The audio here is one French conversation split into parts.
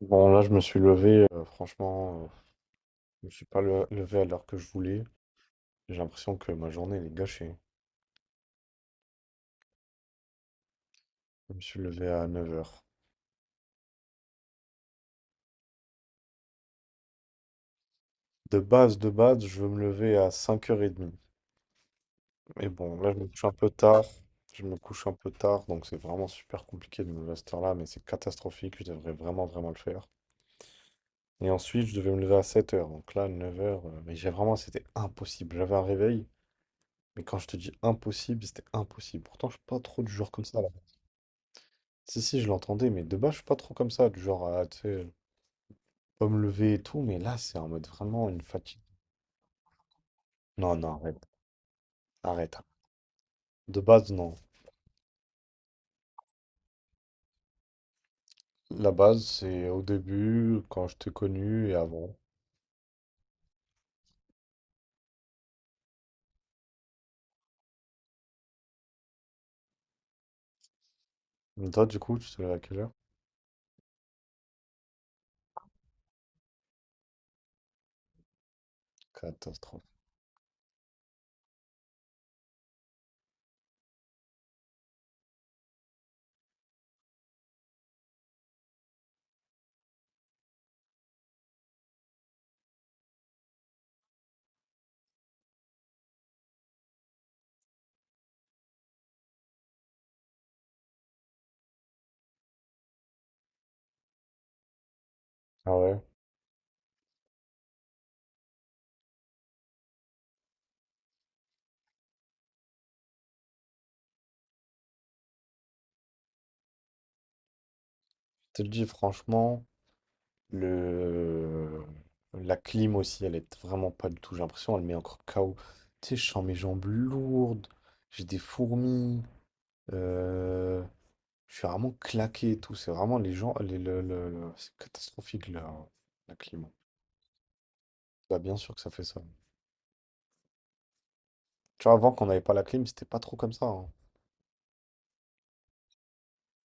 Bon, là, je me suis levé, franchement, je me suis pas levé à l'heure que je voulais. J'ai l'impression que ma journée, elle est gâchée. Je me suis levé à 9h. De base, je veux me lever à 5h30. Mais bon, là, je me couche un peu tard. Je me couche un peu tard, donc c'est vraiment super compliqué de me lever à cette heure-là, mais c'est catastrophique. Je devrais vraiment, vraiment le faire. Et ensuite, je devais me lever à 7h. Donc là, 9h, mais j'ai vraiment, c'était impossible. J'avais un réveil, mais quand je te dis impossible, c'était impossible. Pourtant, je suis pas trop du genre comme ça. Si, si, je l'entendais, mais de base, je suis pas trop comme ça, du genre, à, tu sais, pas me lever et tout, mais là, c'est en mode vraiment une fatigue. Non, non, arrête, arrête. De base, non. La base, c'est au début, quand je t'ai connu et avant. Mais toi, du coup, tu te lèves à quelle heure? Catastrophe. Ah ouais? Je te le dis, franchement, le... la clim aussi, elle est vraiment pas du tout, j'ai l'impression, elle met encore KO. Tu sais, je sens mes jambes lourdes, j'ai des fourmis. euh, Je suis vraiment claqué et tout. C'est vraiment les gens. Les, le- C'est catastrophique la clim, hein. Bah, bien sûr que ça fait ça. Tu vois, avant qu'on n'avait pas la clim, c'était pas trop comme ça, hein.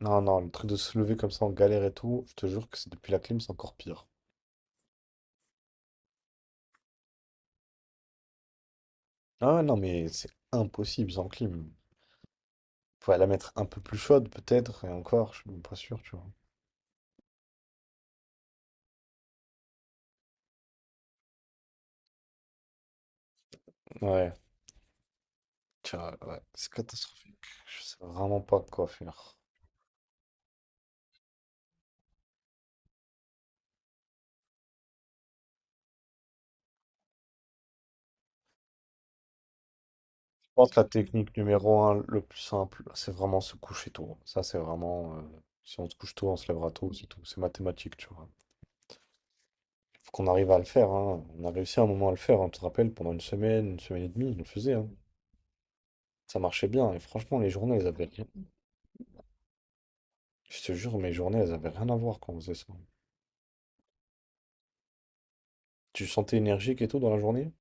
Non, non, le truc de se lever comme ça en galère et tout, je te jure que c'est depuis la clim, c'est encore pire. Ah ouais, non, mais c'est impossible sans clim. Faut la mettre un peu plus chaude, peut-être, et encore, je suis même pas sûr, tu vois. Ouais, tu vois, ouais, c'est catastrophique. Je sais vraiment pas quoi faire. Pense que la technique numéro un, le plus simple, c'est vraiment se coucher tôt. Ça, c'est vraiment. Si on se couche tôt, on se lèvera tôt, c'est tout. C'est mathématique, tu vois. Il faut qu'on arrive à le faire, hein. On a réussi à un moment à le faire, hein. Tu te rappelles, pendant une semaine et demie, on le faisait, hein. Ça marchait bien. Et franchement, les journées, elles avaient rien. Je te jure, mes journées, elles avaient rien à voir quand on faisait ça. Tu sentais énergique et tout dans la journée?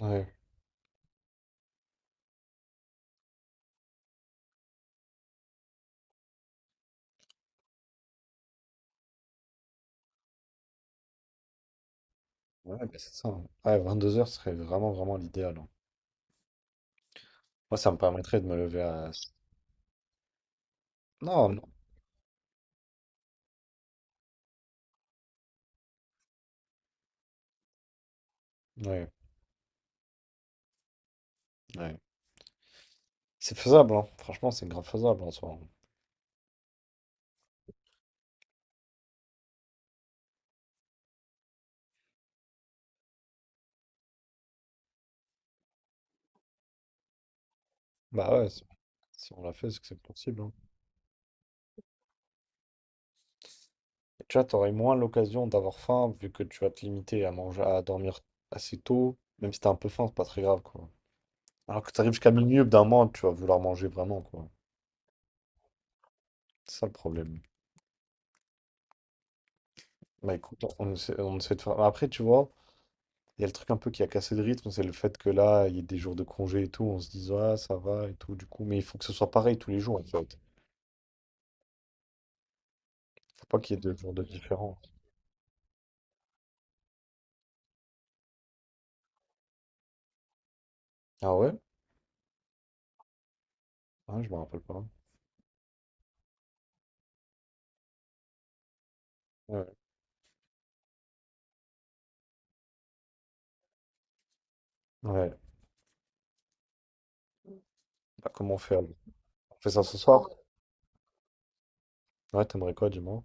Ouais. Ouais, bah, c'est ça, hein. Ouais, 2 heures serait vraiment, vraiment l'idéal, hein. Moi, ça me permettrait de me lever à. Non, non. Ouais, ouais. C'est faisable, hein. Franchement, c'est grave faisable en soi, hein. Bah ouais, si on l'a fait, c'est que c'est possible, hein. Et tu vois, t'aurais moins l'occasion d'avoir faim vu que tu vas te limiter à manger, à dormir assez tôt. Même si t'as un peu faim, c'est pas très grave, quoi. Alors que t'arrives jusqu'à minuit, au bout d'un moment, tu vas vouloir manger vraiment, quoi. C'est ça le problème. Bah écoute, on essaie de faire. Après, tu vois, il y a le truc un peu qui a cassé le rythme, c'est le fait que là, il y a des jours de congé et tout, on se dit, ah, ça va et tout, du coup. Mais il faut que ce soit pareil tous les jours, en fait. Faut pas qu'il y ait deux jours de différence. Ah ouais? Ah, je me rappelle pas. Ouais. Ouais. Bah, comment on fait alors? On fait ça ce soir? Ouais, t'aimerais quoi, du moins?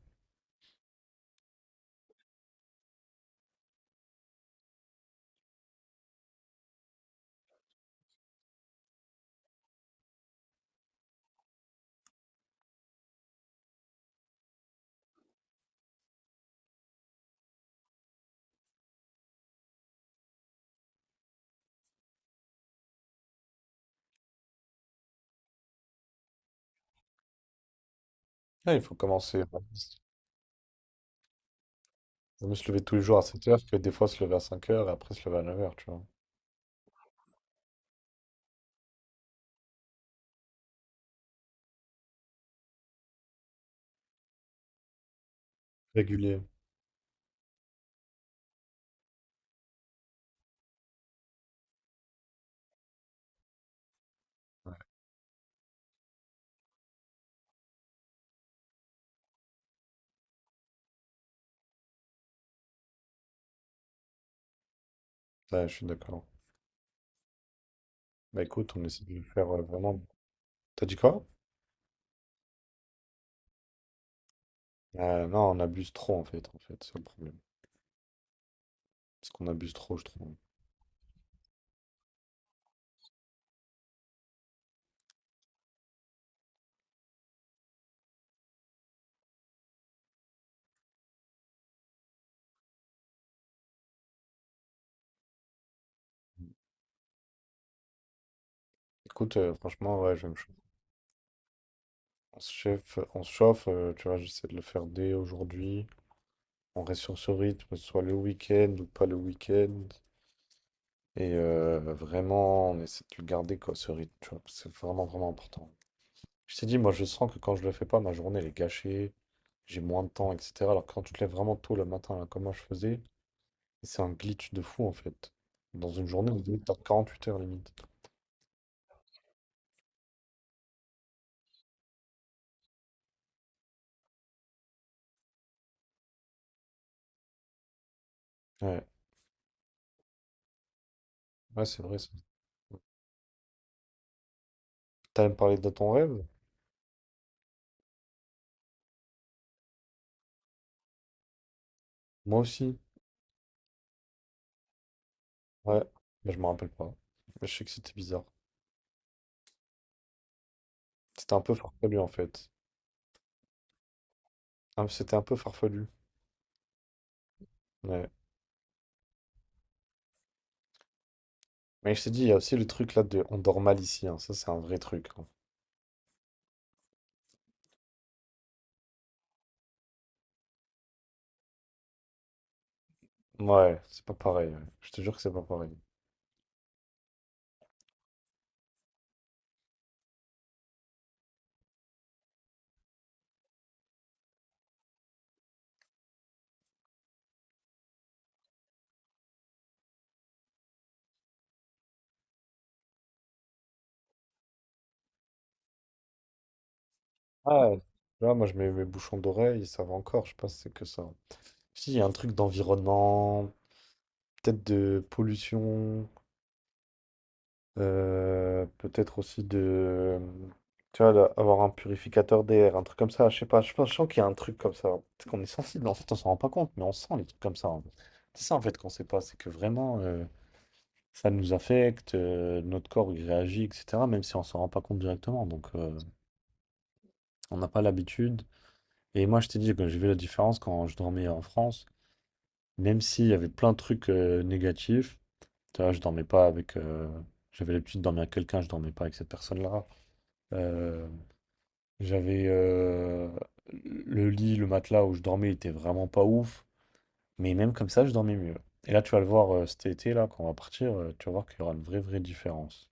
Ouais, il faut commencer, ouais. Vaut mieux se lever tous les jours à 7 heures que des fois se lever à 5 heures et après se lever à 9 heures, tu vois. Régulier. Ouais, ouais, je suis d'accord. Bah écoute, on essaie de le faire vraiment. T'as dit quoi? Non, on abuse trop en fait, c'est le problème. C'est qu'on abuse trop, je trouve. Écoute, franchement, ouais, je vais me chauffer. On se chauffe, tu vois, j'essaie de le faire dès aujourd'hui. On reste sur ce rythme, soit le week-end ou pas le week-end. Et vraiment, on essaie de le garder, quoi, ce rythme, tu vois, parce que c'est vraiment, vraiment important. Je t'ai dit, moi, je sens que quand je le fais pas, ma journée, elle est gâchée, j'ai moins de temps, etc. Alors que quand tu te lèves vraiment tôt le matin, là, comme moi, je faisais, c'est un glitch de fou, en fait. Dans une journée, on est dans 48 heures, limite. Ouais, ouais, c'est vrai, ça. T'as même parlé de ton rêve? Moi aussi. Ouais, mais je me rappelle pas. Mais je sais que c'était bizarre. C'était un peu farfelu en fait. Ah, c'était un peu farfelu. Ouais. Mais je t'ai dit, il y a aussi le truc là de on dort mal ici, hein. Ça, c'est un vrai truc, hein. Ouais, c'est pas pareil, ouais. Je te jure que c'est pas pareil. Ah, tu vois, moi je mets mes bouchons d'oreille, ça va encore. Je sais pas si c'est que ça. Si, il y a un truc d'environnement, peut-être de pollution. Peut-être aussi de, tu vois, là, avoir un purificateur d'air, un truc comme ça. Je sais pas, je pense, je sens qu'il y a un truc comme ça. Peut-être qu'on est sensible, en fait, on s'en rend pas compte, mais on sent les trucs comme ça, hein. C'est ça, en fait, qu'on sait pas. C'est que vraiment, ça nous affecte, notre corps, il réagit, etc., même si on s'en rend pas compte directement. Donc, on n'a pas l'habitude. Et moi, je t'ai dit que j'ai vu la différence quand je dormais en France, même s'il y avait plein de trucs négatifs. Tu vois, je dormais pas avec. J'avais l'habitude de dormir avec quelqu'un, je dormais pas avec cette personne-là. Euh, J'avais le lit, le matelas où je dormais était vraiment pas ouf, mais même comme ça, je dormais mieux. Et là, tu vas le voir cet été, là, quand on va partir, tu vas voir qu'il y aura une vraie, vraie différence.